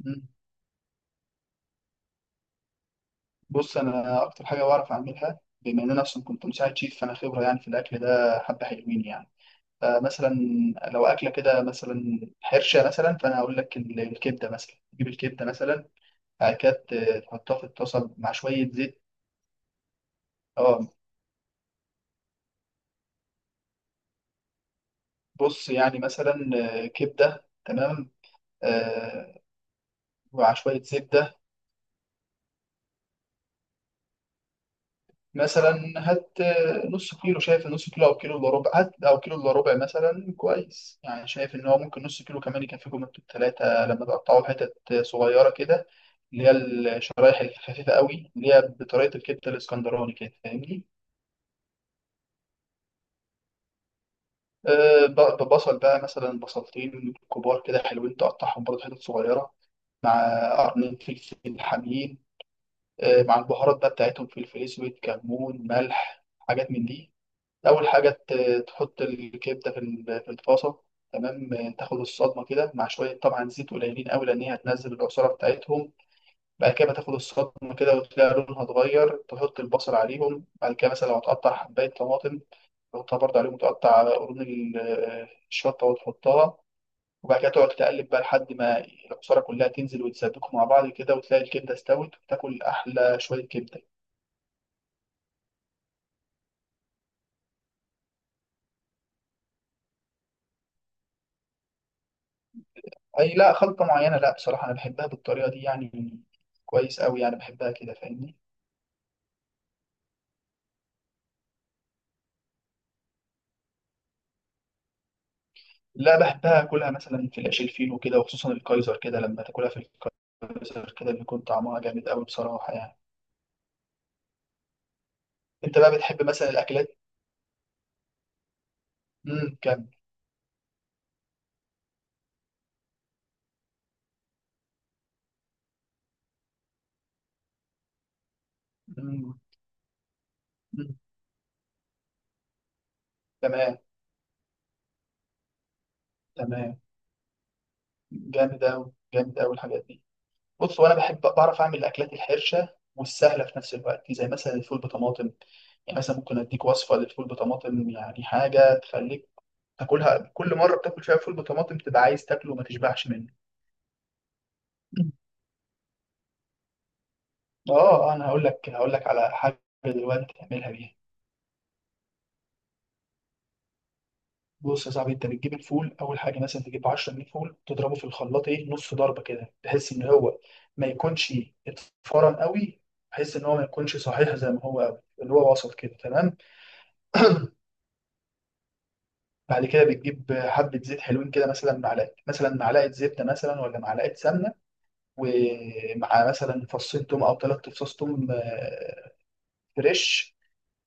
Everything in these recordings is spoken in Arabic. مم. بص، انا اكتر حاجه بعرف اعملها، بما ان انا اصلا كنت مساعد شيف، فانا خبره يعني في الاكل ده حبه، حلوين يعني. فمثلا لو اكله كده مثلا حرشه مثلا، فانا هقول لك الكبده مثلا. تجيب الكبده مثلا. بعد كده تحطها في الطاسه مع شويه زيت. اه، بص يعني مثلا كبده. تمام. آه، ومع شويه زبده. مثلا هات نص كيلو، شايف؟ نص كيلو او كيلو الا ربع. هات او كيلو الا ربع مثلا، كويس يعني. شايف ان هو ممكن نص كيلو كمان يكفيكم انتوا الثلاثه، لما تقطعوا حتت صغيره كده، اللي هي الشرايح الخفيفه قوي، اللي هي بطريقه الكبده الاسكندراني كده، فاهمني. ببصل بقى مثلا، بصلتين كبار كده حلوين، تقطعهم برضه حتت صغيره، مع قرنين فلفل حامين. مع البهارات بقى بتاعتهم، فلفل اسود، كمون، ملح، حاجات من دي. أول حاجة تحط الكبدة في الطاسة تمام. تاخد الصدمة كده مع شوية طبعا زيت قليلين أوي، لأن هي هتنزل العصارة بتاعتهم. بعد كده تاخد الصدمة كده وتلاقي لونها اتغير، تحط البصل عليهم. بعد كده مثلا لو هتقطع حباية طماطم تحطها برضه عليهم، وتقطع قرون الشطة وتحطها. وبعد كده تقعد تقلب بقى لحد ما العصارة كلها تنزل وتسبكوا مع بعض كده، وتلاقي الكبدة استوت وتاكل أحلى شوية كبدة. اي، لا خلطة معينة، لا بصراحة، انا بحبها بالطريقة دي يعني، كويس قوي يعني. بحبها كده، فاهمني. لا، بحبها اكلها مثلا في العيش الفينو كده، وخصوصا الكايزر كده، لما تاكلها في الكايزر كده بيكون طعمها جامد قوي بصراحة يعني. انت بقى بتحب مثلا الاكلات؟ كم. امم تمام. تمام. جامد قوي، جامد قوي الحاجات دي. بص، وانا بحب بعرف اعمل الاكلات الحرشة والسهلة في نفس الوقت، زي مثلا الفول بطماطم. يعني مثلا ممكن اديك وصفة للفول بطماطم، يعني حاجة تخليك تاكلها كل مره. بتاكل شويه فول بطماطم تبقى عايز تاكله وما تشبعش منه. مم. اه، انا هقول لك على حاجه دلوقتي تعملها بيها. بص يا صاحبي، انت بتجيب الفول اول حاجه. مثلا تجيب 10 جنيه فول، تضربه في الخلاط ايه نص ضربه كده، بحيث ان هو ما يكونش اتفرن قوي، بحيث ان هو ما يكونش صحيح زي ما هو قوي، اللي هو وسط كده تمام. بعد كده بتجيب حبه زيت حلوين كده، مثلا معلقه، مثلا معلقه زبده مثلا، ولا معلقه سمنه، ومع مثلا فصين توم او ثلاث فصوص توم فريش.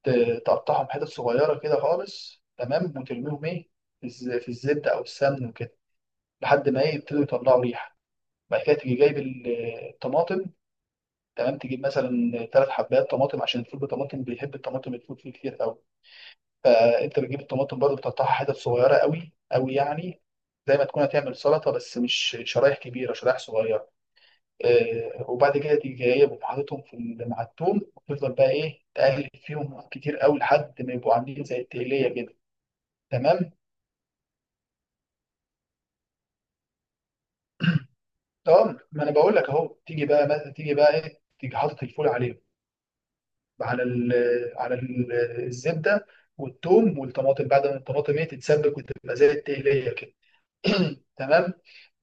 تقطعهم حتت صغيرة كده خالص تمام، وترميهم إيه في الزبدة أو السمن وكده، لحد ما إيه يبتدوا يطلعوا ريحة. بعد كده تيجي جايب الطماطم. تمام. تجيب مثلا ثلاث حبات طماطم، عشان الفول بالطماطم بيحب الطماطم، الفول فيه كتير قوي. فأنت بتجيب الطماطم برضه، بتقطعها حتت صغيرة قوي قوي يعني، زي ما تكون هتعمل سلطة، بس مش شرايح كبيرة، شرايح صغيرة. وبعد كده تيجي جايبهم حاططهم مع التوم، وتفضل بقى ايه تقلب فيهم كتير قوي لحد ما يبقوا عاملين زي التقلية كده تمام. اه، ما انا بقول لك اهو. تيجي بقى، ما تيجي بقى ايه، تيجي حاطط الفول عليهم، على ال على ال الزبده والثوم والطماطم، بعد ما الطماطم ايه تتسبك وتبقى زي التقليه كده. تمام.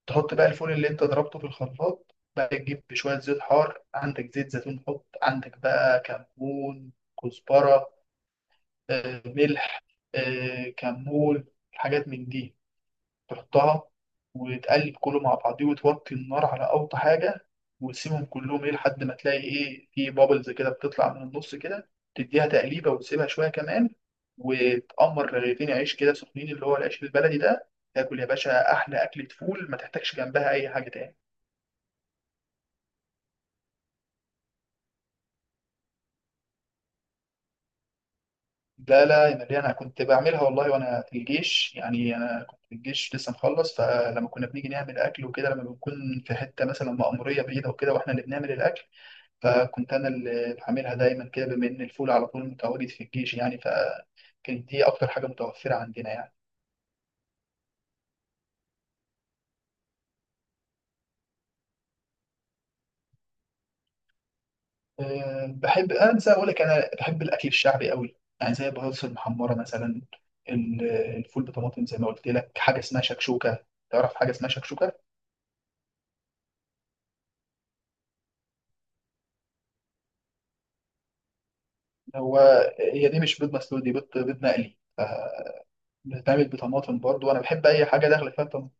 تحط بقى الفول اللي انت ضربته في الخلاط بقى، تجيب شويه زيت حار، عندك زيت زيتون، حط عندك بقى كمون، كزبره، ملح، كمون، حاجات من دي، تحطها وتقلب كله مع بعضيه، وتوطي النار على أوطى حاجة، وتسيبهم كلهم إيه لحد ما تلاقي إيه في بابلز كده بتطلع من النص كده. تديها تقليبة وتسيبها شوية كمان، وتقمر رغيفين عيش كده سخنين، اللي هو العيش البلدي ده، تاكل يا باشا أحلى أكلة فول، ما تحتاجش جنبها أي حاجة تاني. لا لا يا مريم، أنا كنت بعملها والله وأنا في الجيش يعني. أنا كنت في الجيش لسه مخلص، فلما كنا بنيجي نعمل أكل وكده، لما بنكون في حتة مثلا مأمورية بعيدة وكده، وإحنا اللي بنعمل الأكل، فكنت انا اللي بعملها دايما كده، بما ان الفول على طول متواجد في الجيش يعني، فكانت دي اكتر حاجه متوفره عندنا يعني. بحب انسى اقول لك، انا بحب الاكل الشعبي قوي يعني، زي البطاطس المحمره مثلا، ال- الفول بطماطم زي ما قلت لك. حاجه اسمها شكشوكه. تعرف حاجه اسمها شكشوكه؟ هو هي دي مش بيض مسلوق، دي بيض، بيض مقلي. بتتعمل بطماطم برضو، انا بحب اي حاجه داخله فيها طماطم.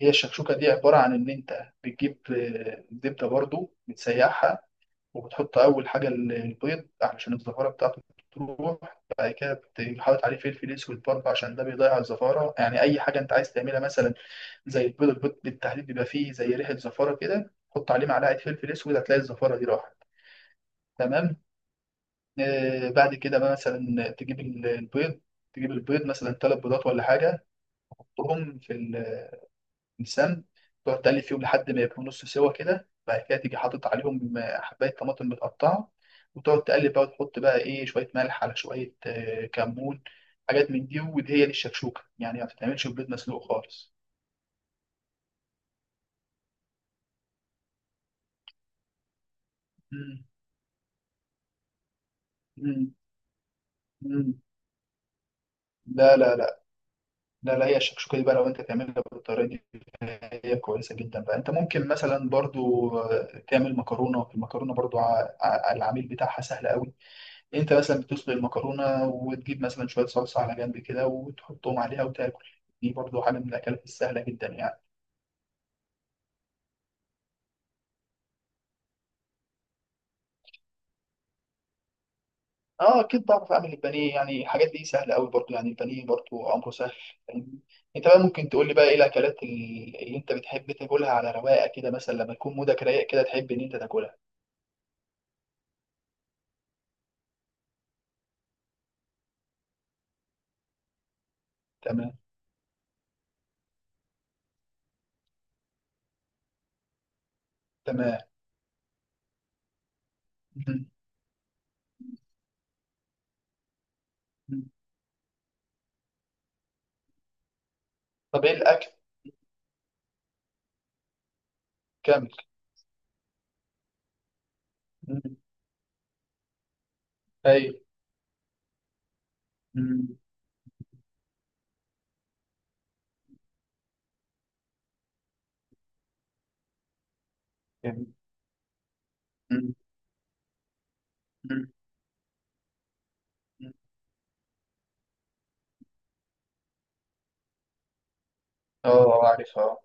هي الشكشوكه دي عباره عن ان انت بتجيب زبده برضو، بتسيحها، وبتحط أول حاجة البيض، عشان الزفارة بتاعته تروح. بعد كده بتحط عليه فلفل أسود برضه، عشان ده بيضيع الزفارة يعني. أي حاجة أنت عايز تعملها مثلا زي البيض، البيض بالتحديد بيبقى فيه زي ريحة زفارة كده، حط عليه معلقة فلفل أسود هتلاقي الزفارة دي راحت. تمام. بعد كده بقى مثلا تجيب البيض. تجيب البيض مثلا ثلاث بيضات ولا حاجة، تحطهم في لسان، تقعد تقلب فيهم لحد ما يبقوا نص سوا كده. بعد كده تيجي حاطط عليهم حبايه طماطم متقطعه، وتقعد تقلب بقى، وتحط بقى ايه شويه ملح، على شويه كمون، حاجات من دي، ودي هي دي الشكشوكه يعني، ما بتتعملش ببيض مسلوق خالص. مم. مم. مم. لا لا لا. لا لا، هي الشكشوكه دي بقى لو انت تعملها بالطريقه دي هي كويسه جدا. بقى انت ممكن مثلا برضو تعمل مكرونه. المكرونه برضو العميل بتاعها سهل قوي. إيه، انت مثلا بتسلق المكرونه، وتجيب مثلا شويه صلصه على جنب كده، وتحطهم عليها وتاكل. دي برضو حاجه من الاكلات السهله جدا يعني. اه اكيد بعرف اعمل البانيه، يعني الحاجات دي سهله قوي برضو يعني. البانيه برضو امره سهل، فاهمني؟ انت بقى ممكن تقول لي بقى ايه الاكلات اللي انت بتحب تاكلها على رواقه كده، مثلا لما تكون مودك رايق كده تحب ان انت تاكلها. تمام. تمام. مم. مم. طب ايه الاكل كامل. مم. ايوه. مم. جميل. مم. مم. مم. اه، عارف اه.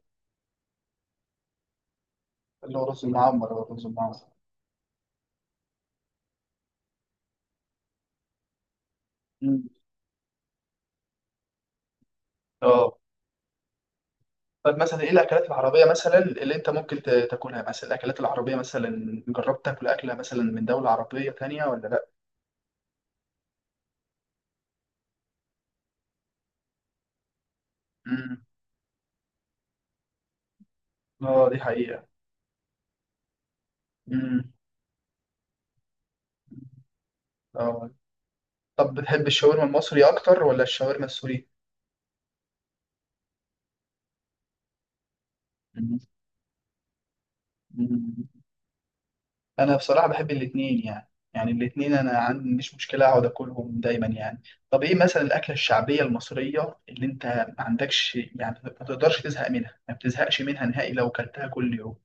اللي هو رز المعمر، هو الرز المعمر. اه، طب مثلا ايه الاكلات العربيه مثلا اللي انت ممكن تاكلها، مثلا الاكلات العربيه مثلا جربت تاكل اكله مثلا من دوله عربيه تانية ولا لا؟ امم. اه دي حقيقه. امم. اه، طب بتحب الشاورما المصري اكتر ولا الشاورما السوري؟ مم. مم. انا بصراحه بحب الاثنين يعني، يعني الاثنين انا عندي مش مشكله اقعد اكلهم دايما يعني. طب ايه مثلا الاكله الشعبيه المصريه اللي انت ما عندكش يعني، ما تقدرش تزهق منها، ما بتزهقش منها نهائي لو كلتها كل يوم؟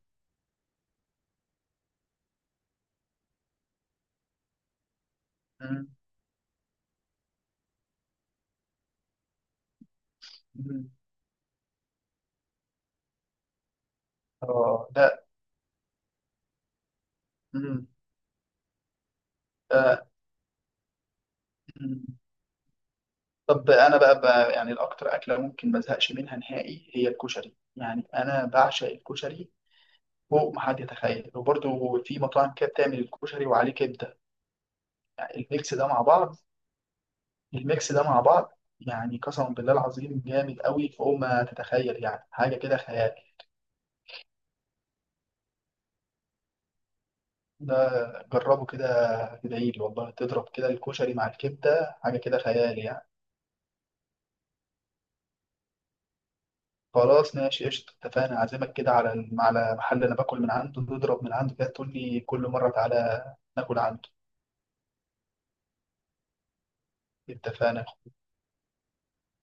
مم. اه ده. مم. ده. مم. طب انا بقى يعني الاكتر اكله ممكن ما ازهقش منها نهائي هي الكشري، يعني انا بعشق الكشري فوق ما حد يتخيل. وبرده في مطاعم كده بتعمل الكشري وعليه كبده، يعني الميكس ده مع بعض. الميكس ده مع بعض يعني قسما بالله العظيم جامد قوي فوق ما تتخيل، يعني حاجه كده خيال. ده جربه كده، تدعيلي والله، تضرب كده الكشري مع الكبده حاجه كده خيال يعني. خلاص ماشي، قشطة، اتفقنا. أعزمك كده على محل أنا باكل من عنده، تضرب من عنده كده، تقول لي كل مرة تعالى ناكل عنده. اتفقنا.